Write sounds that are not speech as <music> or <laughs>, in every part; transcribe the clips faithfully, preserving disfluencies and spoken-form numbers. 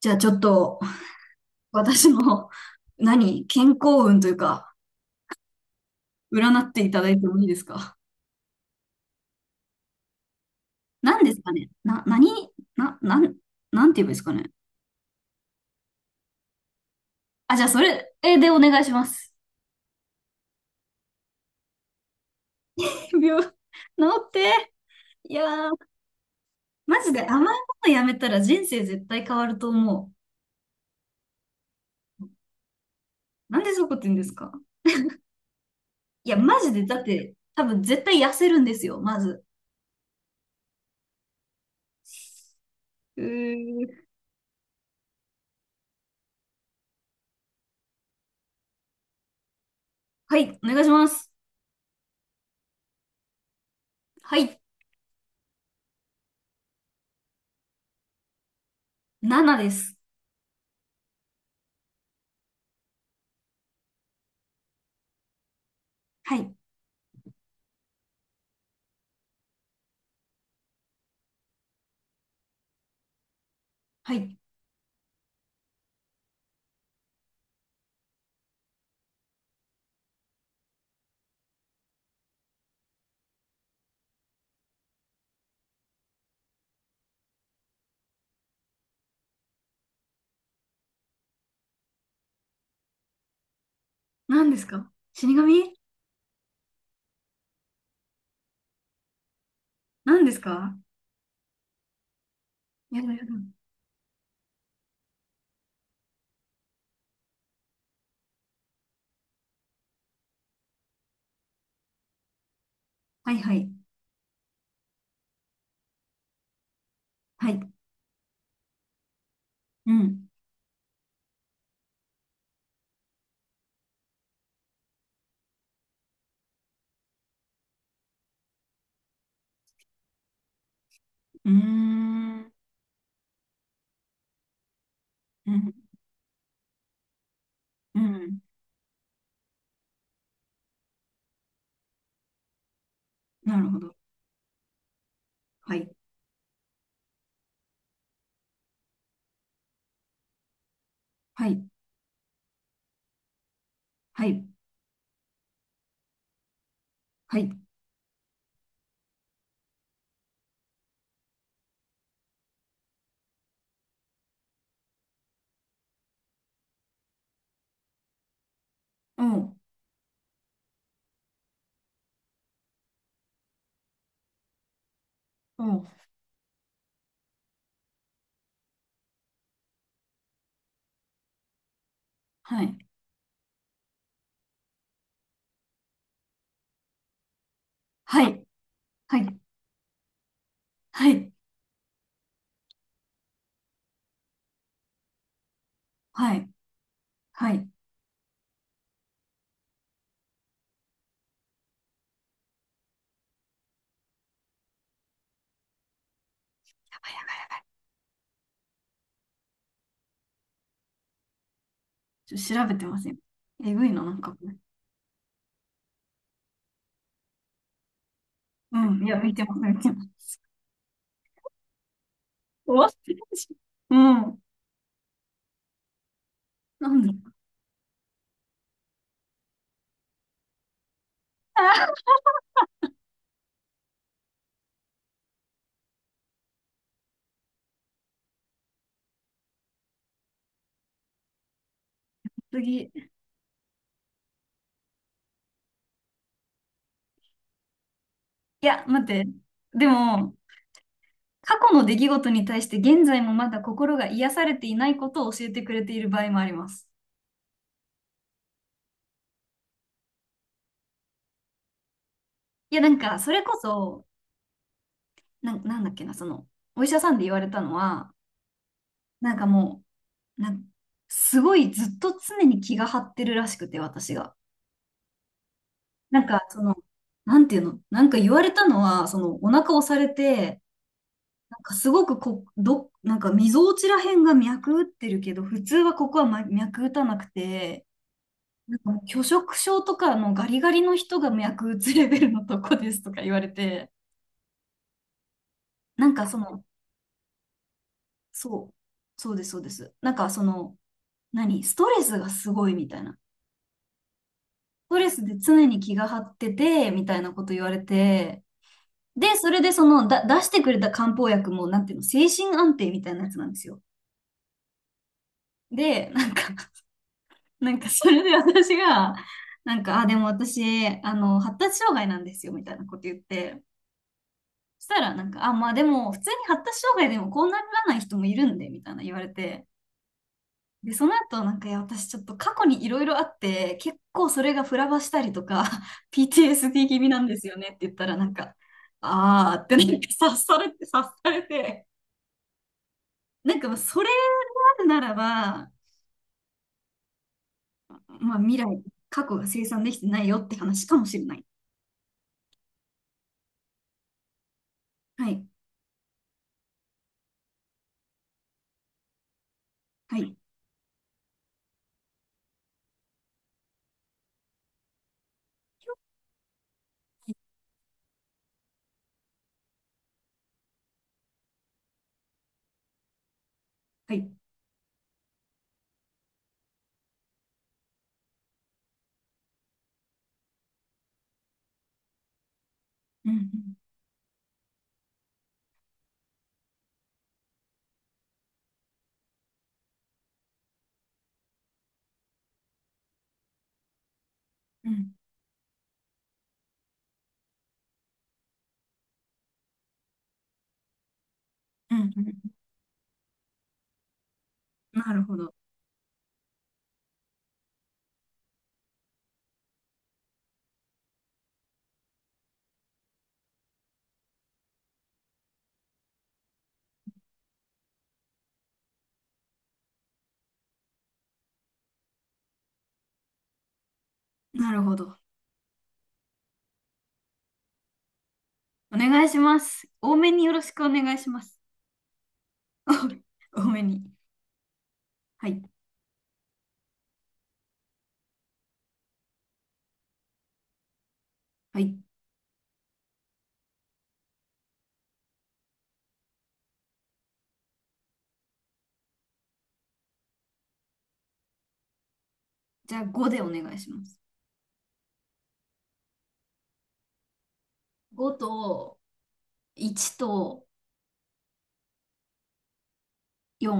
じゃあちょっと私の、何、健康運というか、占っていただいてもいいですか？何ですかね。な、何な、なん、なんて言えばいいですかね？あ、じゃあそれでお願いします。病、治って。いやー、マジで甘いものやめたら人生絶対変わると思う。なんでそういうこと言うんですか？いや、マジで、だって多分絶対痩せるんですよ、まず。うー。はい、お願いします。はい、ななです。はい、はい。何ですか、死神？何ですか？やだやだ。はいはい。はい。うん。うーん。うん。うん。なるほど。はい。はい。はい。はい。おう。おう。はい。はい。はい。はい。はい。はい。やばい、やばい。ちょっと調べてません。えぐいな、なんかこれ。うん。いや、見てます、見てます。終わってるし。うん。なんで？ <laughs> 次。いや、待って。でも、過去の出来事に対して現在もまだ心が癒されていないことを教えてくれている場合もあります。いや、なんか、それこそ、な、なんだっけな、その、お医者さんで言われたのは、なんかもう、なん、すごいずっと常に気が張ってるらしくて、私が。なんか、その、なんていうの、なんか言われたのは、その、お腹押されて、なんかすごくこ、ど、なんか、みぞおちらへんが脈打ってるけど、普通はここは、ま、脈打たなくて、なんかもう拒食症とかのガリガリの人が薬物レベルのとこですとか言われて、なんかその、そう、そうです、そうです。なんかその、何、ストレスがすごいみたいな。ストレスで常に気が張ってて、みたいなこと言われて、で、それでその、だ、出してくれた漢方薬も、なんていうの、精神安定みたいなやつなんですよ。で、なんか、 <laughs> なんかそれで私が、なんか、あ、でも私、あの、発達障害なんですよ、みたいなこと言って、したら、なんか、あ、まあでも、普通に発達障害でもこうならない人もいるんで、みたいな言われて。で、その後、なんか、いや、私ちょっと過去にいろいろあって、結構それがフラバしたりとか、<laughs> ピーティーエスディー 気味なんですよねって言ったら、なんか、あーってなんか察されて、察されて、なんか、それがあるならば、まあ未来、過去が生産できてないよって話かもしれない。はい。はい。はい。うん。うん。うん。うん。うん。なるほど。なるほど。お願いします。多めによろしくお願いします。<laughs> 多めに。はい。はい。じゃあごでお願いします。ごといちとし。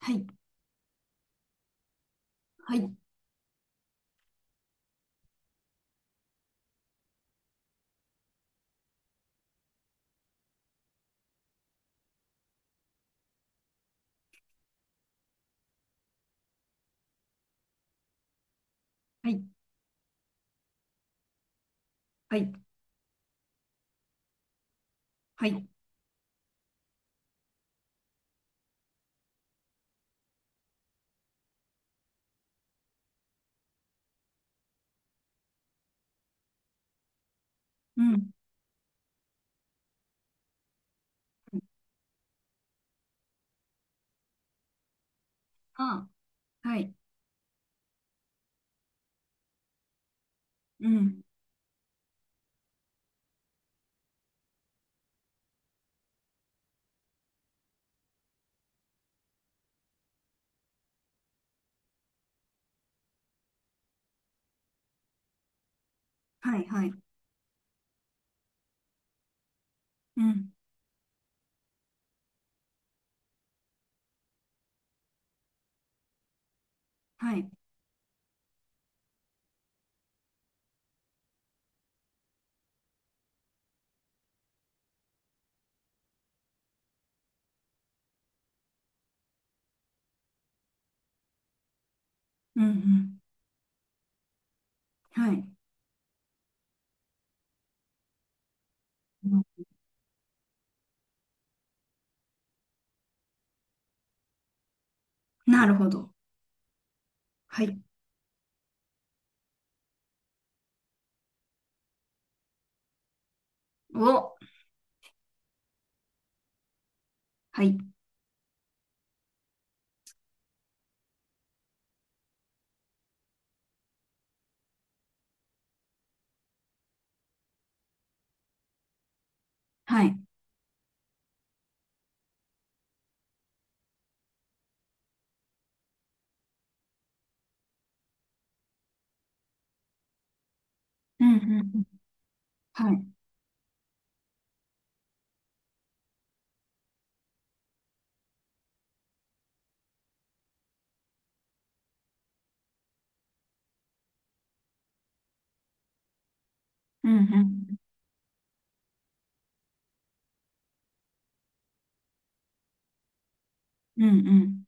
はい。はい。はい。はい。はい。うん。あ、はい。うん。はい。はい。うん。はい。うん。うん。はい。うん。なるほど。はい。お。はい。はい。うん。うん。うん。はい。うん。うん。うん。うん。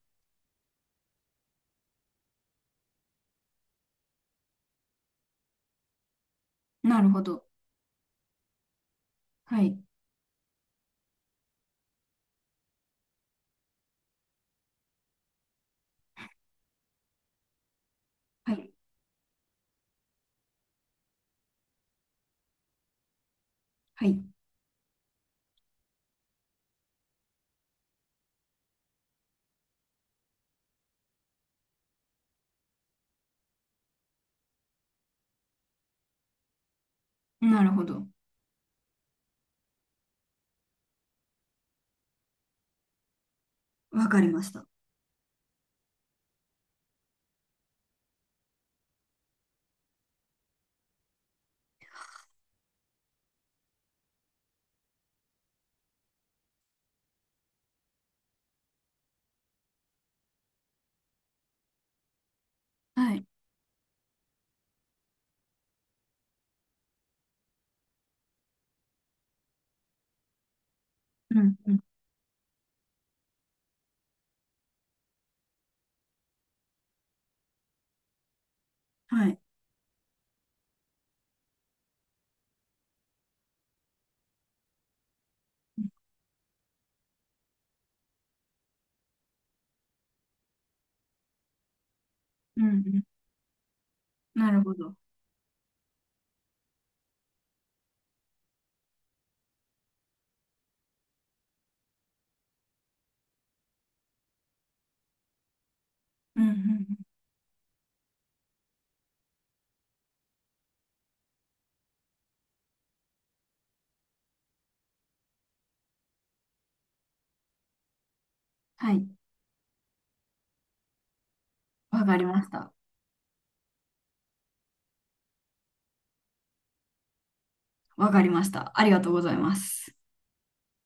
なるほど。はい。はい。はい。なるほど。わかりました。はい。うんうん。はい。うんうん。なるほど。うんうんうん。はい。わかりました。わかりました。ありがとうございます。